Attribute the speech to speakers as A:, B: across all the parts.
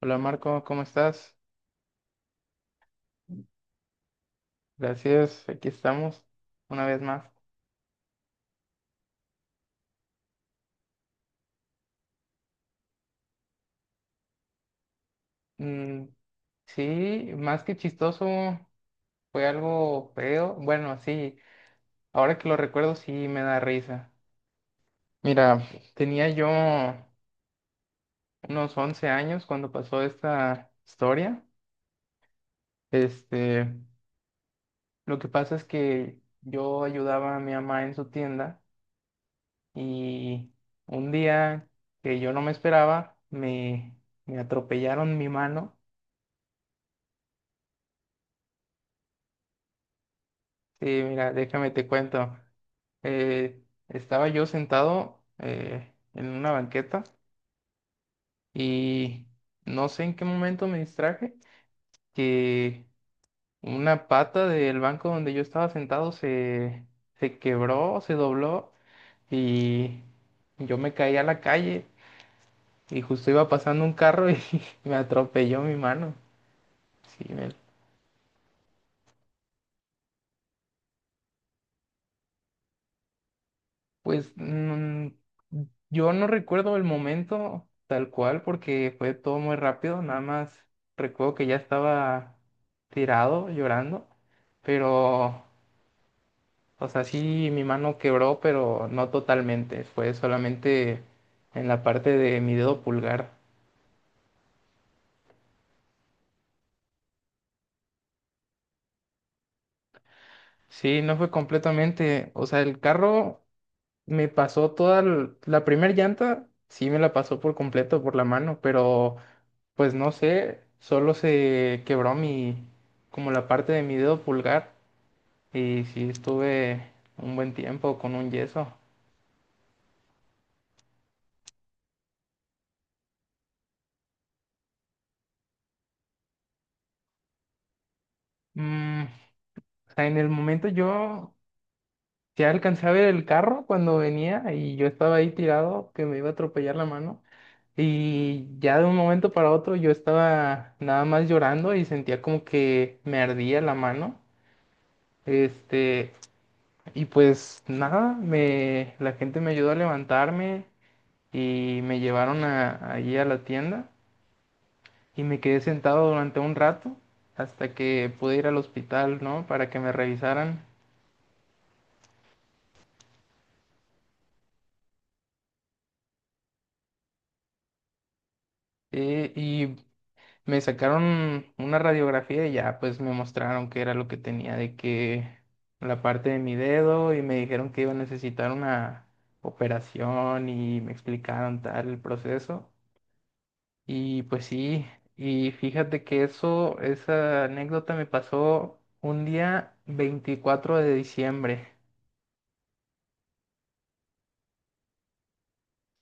A: Hola, Marco, ¿cómo estás? Gracias, aquí estamos una vez más. Mm, sí, más que chistoso, fue algo feo. Bueno, sí, ahora que lo recuerdo sí me da risa. Mira, tenía yo unos 11 años cuando pasó esta historia. Este, lo que pasa es que yo ayudaba a mi mamá en su tienda y un día que yo no me esperaba, me atropellaron mi mano. Sí, mira, déjame te cuento. Eh, Estaba yo sentado en una banqueta y no sé en qué momento me distraje que una pata del banco donde yo estaba sentado se quebró, se dobló y yo me caí a la calle, y justo iba pasando un carro y me atropelló mi mano. Sí. Pues, yo no recuerdo el momento tal cual porque fue todo muy rápido, nada más recuerdo que ya estaba tirado llorando, pero, o sea, sí mi mano quebró, pero no totalmente, fue solamente en la parte de mi dedo pulgar. Sí, no fue completamente, o sea, el carro me pasó la primera llanta, sí me la pasó por completo por la mano, pero... Pues no sé, solo se quebró mi, como la parte de mi dedo pulgar, y sí estuve un buen tiempo con un yeso. O sea, en el momento yo ya alcancé a ver el carro cuando venía y yo estaba ahí tirado que me iba a atropellar la mano, y ya de un momento para otro yo estaba nada más llorando y sentía como que me ardía la mano. Este, y pues nada, la gente me ayudó a levantarme, y me llevaron allí a la tienda, y me quedé sentado durante un rato hasta que pude ir al hospital, ¿no? Para que me revisaran. Y me sacaron una radiografía, y ya pues me mostraron qué era lo que tenía, de que la parte de mi dedo, y me dijeron que iba a necesitar una operación y me explicaron tal el proceso. Y pues sí, y fíjate que esa anécdota me pasó un día 24 de diciembre.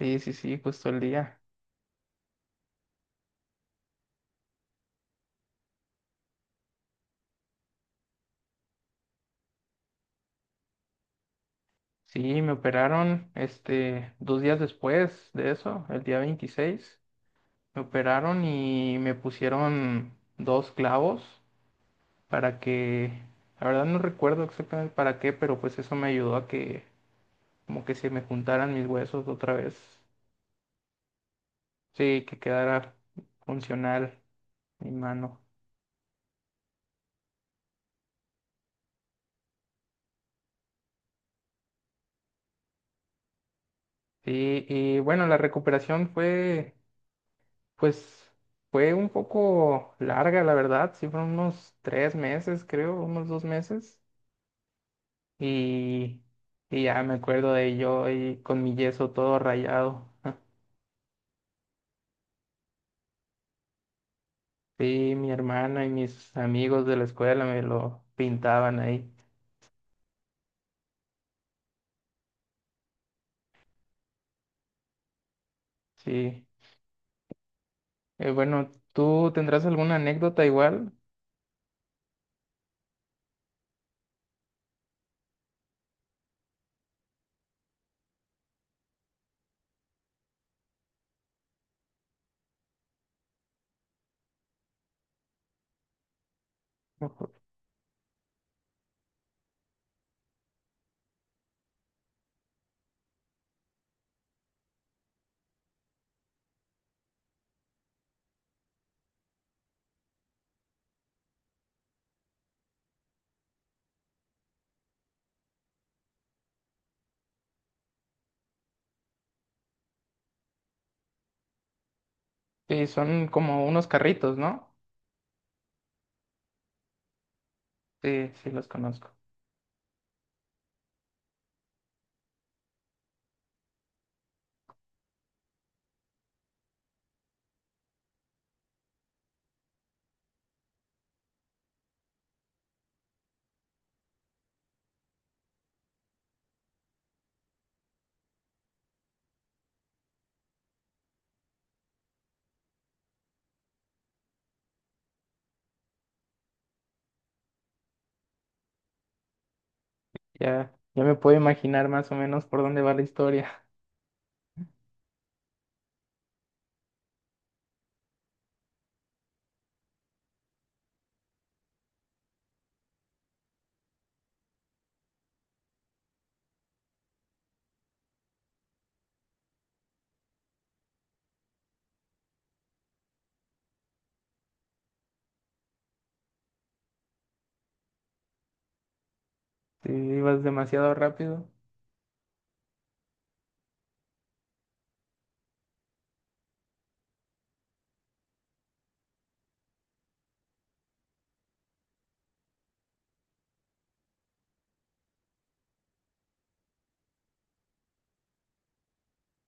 A: Sí, sí, sí, justo el día. Sí, me operaron, 2 días después de eso, el día 26 me operaron y me pusieron dos clavos para que, la verdad no recuerdo exactamente para qué, pero pues eso me ayudó a que como que se me juntaran mis huesos otra vez. Sí, que quedara funcional mi mano. Sí, y bueno, la recuperación fue, pues, fue un poco larga, la verdad. Sí, fueron unos 3 meses, creo, unos 2 meses. Y, y ya me acuerdo de yo ahí con mi yeso todo rayado. Sí, mi hermana y mis amigos de la escuela me lo pintaban ahí. Sí. Bueno, ¿tú tendrás alguna anécdota igual? Ujú. Sí, son como unos carritos, ¿no? Sí, sí los conozco. Ya, ya me puedo imaginar más o menos por dónde va la historia. Si ibas demasiado rápido,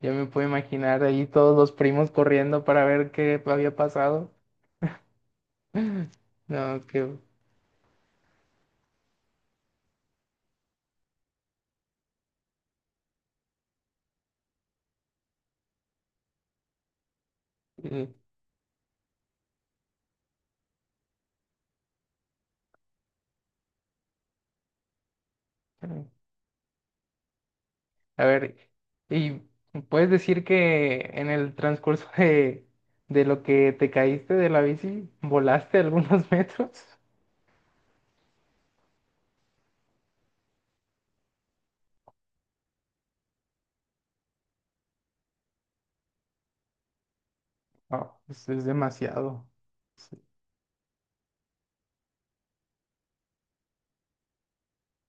A: ya me puedo imaginar ahí todos los primos corriendo para ver qué había pasado. No, que... eh, A ver, ¿y puedes decir que en el transcurso de lo que te caíste de la bici, volaste algunos metros? Oh, pues es demasiado.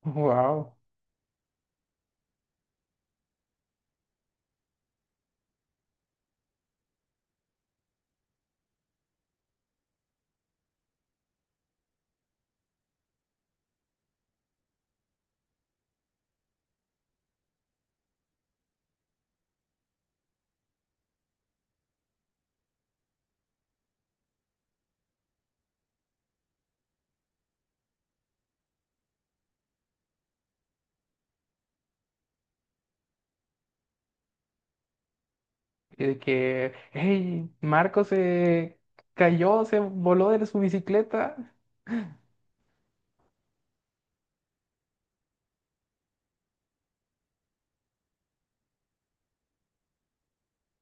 A: Wow. Y de que, hey, Marco se cayó, se voló de su bicicleta.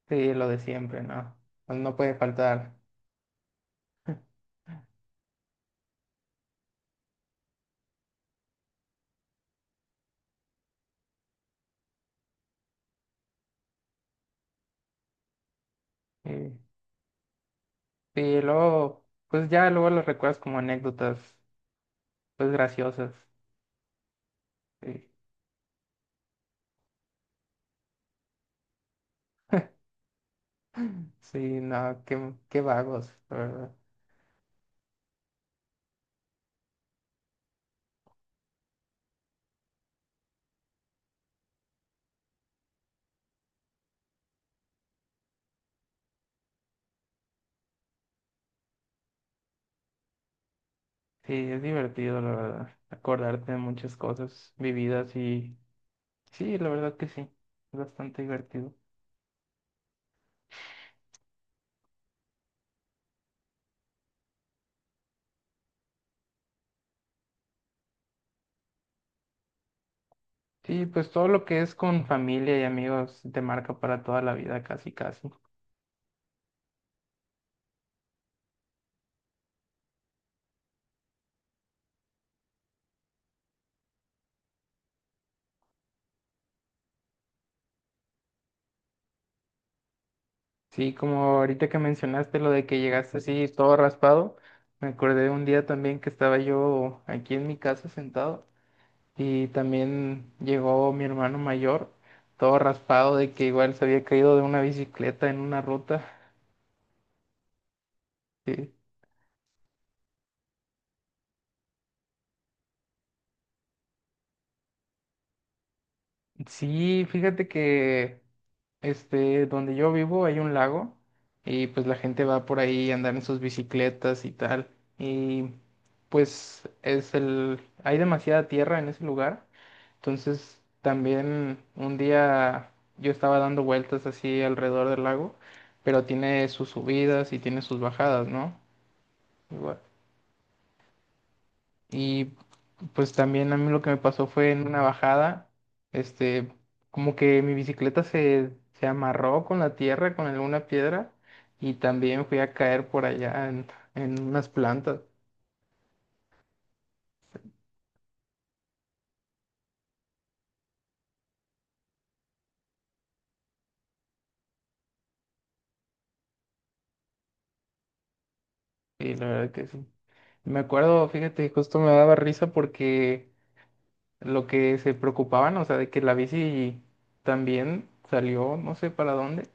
A: Sí, lo de siempre, ¿no? Pues no puede faltar. Sí, sí, y luego, pues ya luego lo recuerdas como anécdotas, pues graciosas. Sí, sí, no, qué vagos, la verdad. Sí, es divertido, la verdad, acordarte de muchas cosas vividas, y sí, la verdad que sí, es bastante divertido. Sí, pues todo lo que es con familia y amigos te marca para toda la vida, casi, casi. Sí, como ahorita que mencionaste lo de que llegaste así todo raspado, me acordé de un día también que estaba yo aquí en mi casa sentado, y también llegó mi hermano mayor todo raspado, de que igual se había caído de una bicicleta en una ruta. Sí. Sí, fíjate que donde yo vivo hay un lago, y pues la gente va por ahí a andar en sus bicicletas y tal. Y pues es el, hay demasiada tierra en ese lugar. Entonces, también un día yo estaba dando vueltas así alrededor del lago, pero tiene sus subidas y tiene sus bajadas, ¿no? Igual. Y pues también a mí lo que me pasó fue en una bajada, este, como que mi bicicleta se amarró con la tierra, con alguna piedra, y también fui a caer por allá en unas plantas. Y la verdad que sí. Me acuerdo, fíjate, justo me daba risa porque lo que se preocupaban, o sea, de que la bici también salió, no sé para dónde,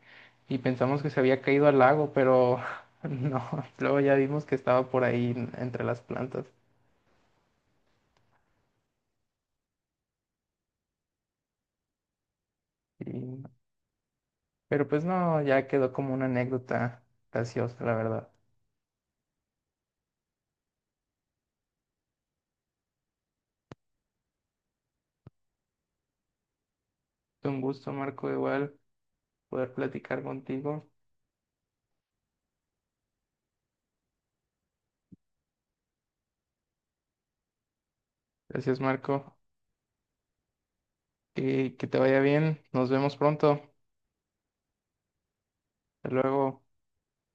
A: y pensamos que se había caído al lago, pero no, luego ya vimos que estaba por ahí entre las plantas. Y- pero pues no, ya quedó como una anécdota graciosa, la verdad. Fue un gusto, Marco, igual poder platicar contigo. Gracias, Marco. Y que te vaya bien. Nos vemos pronto. Hasta luego.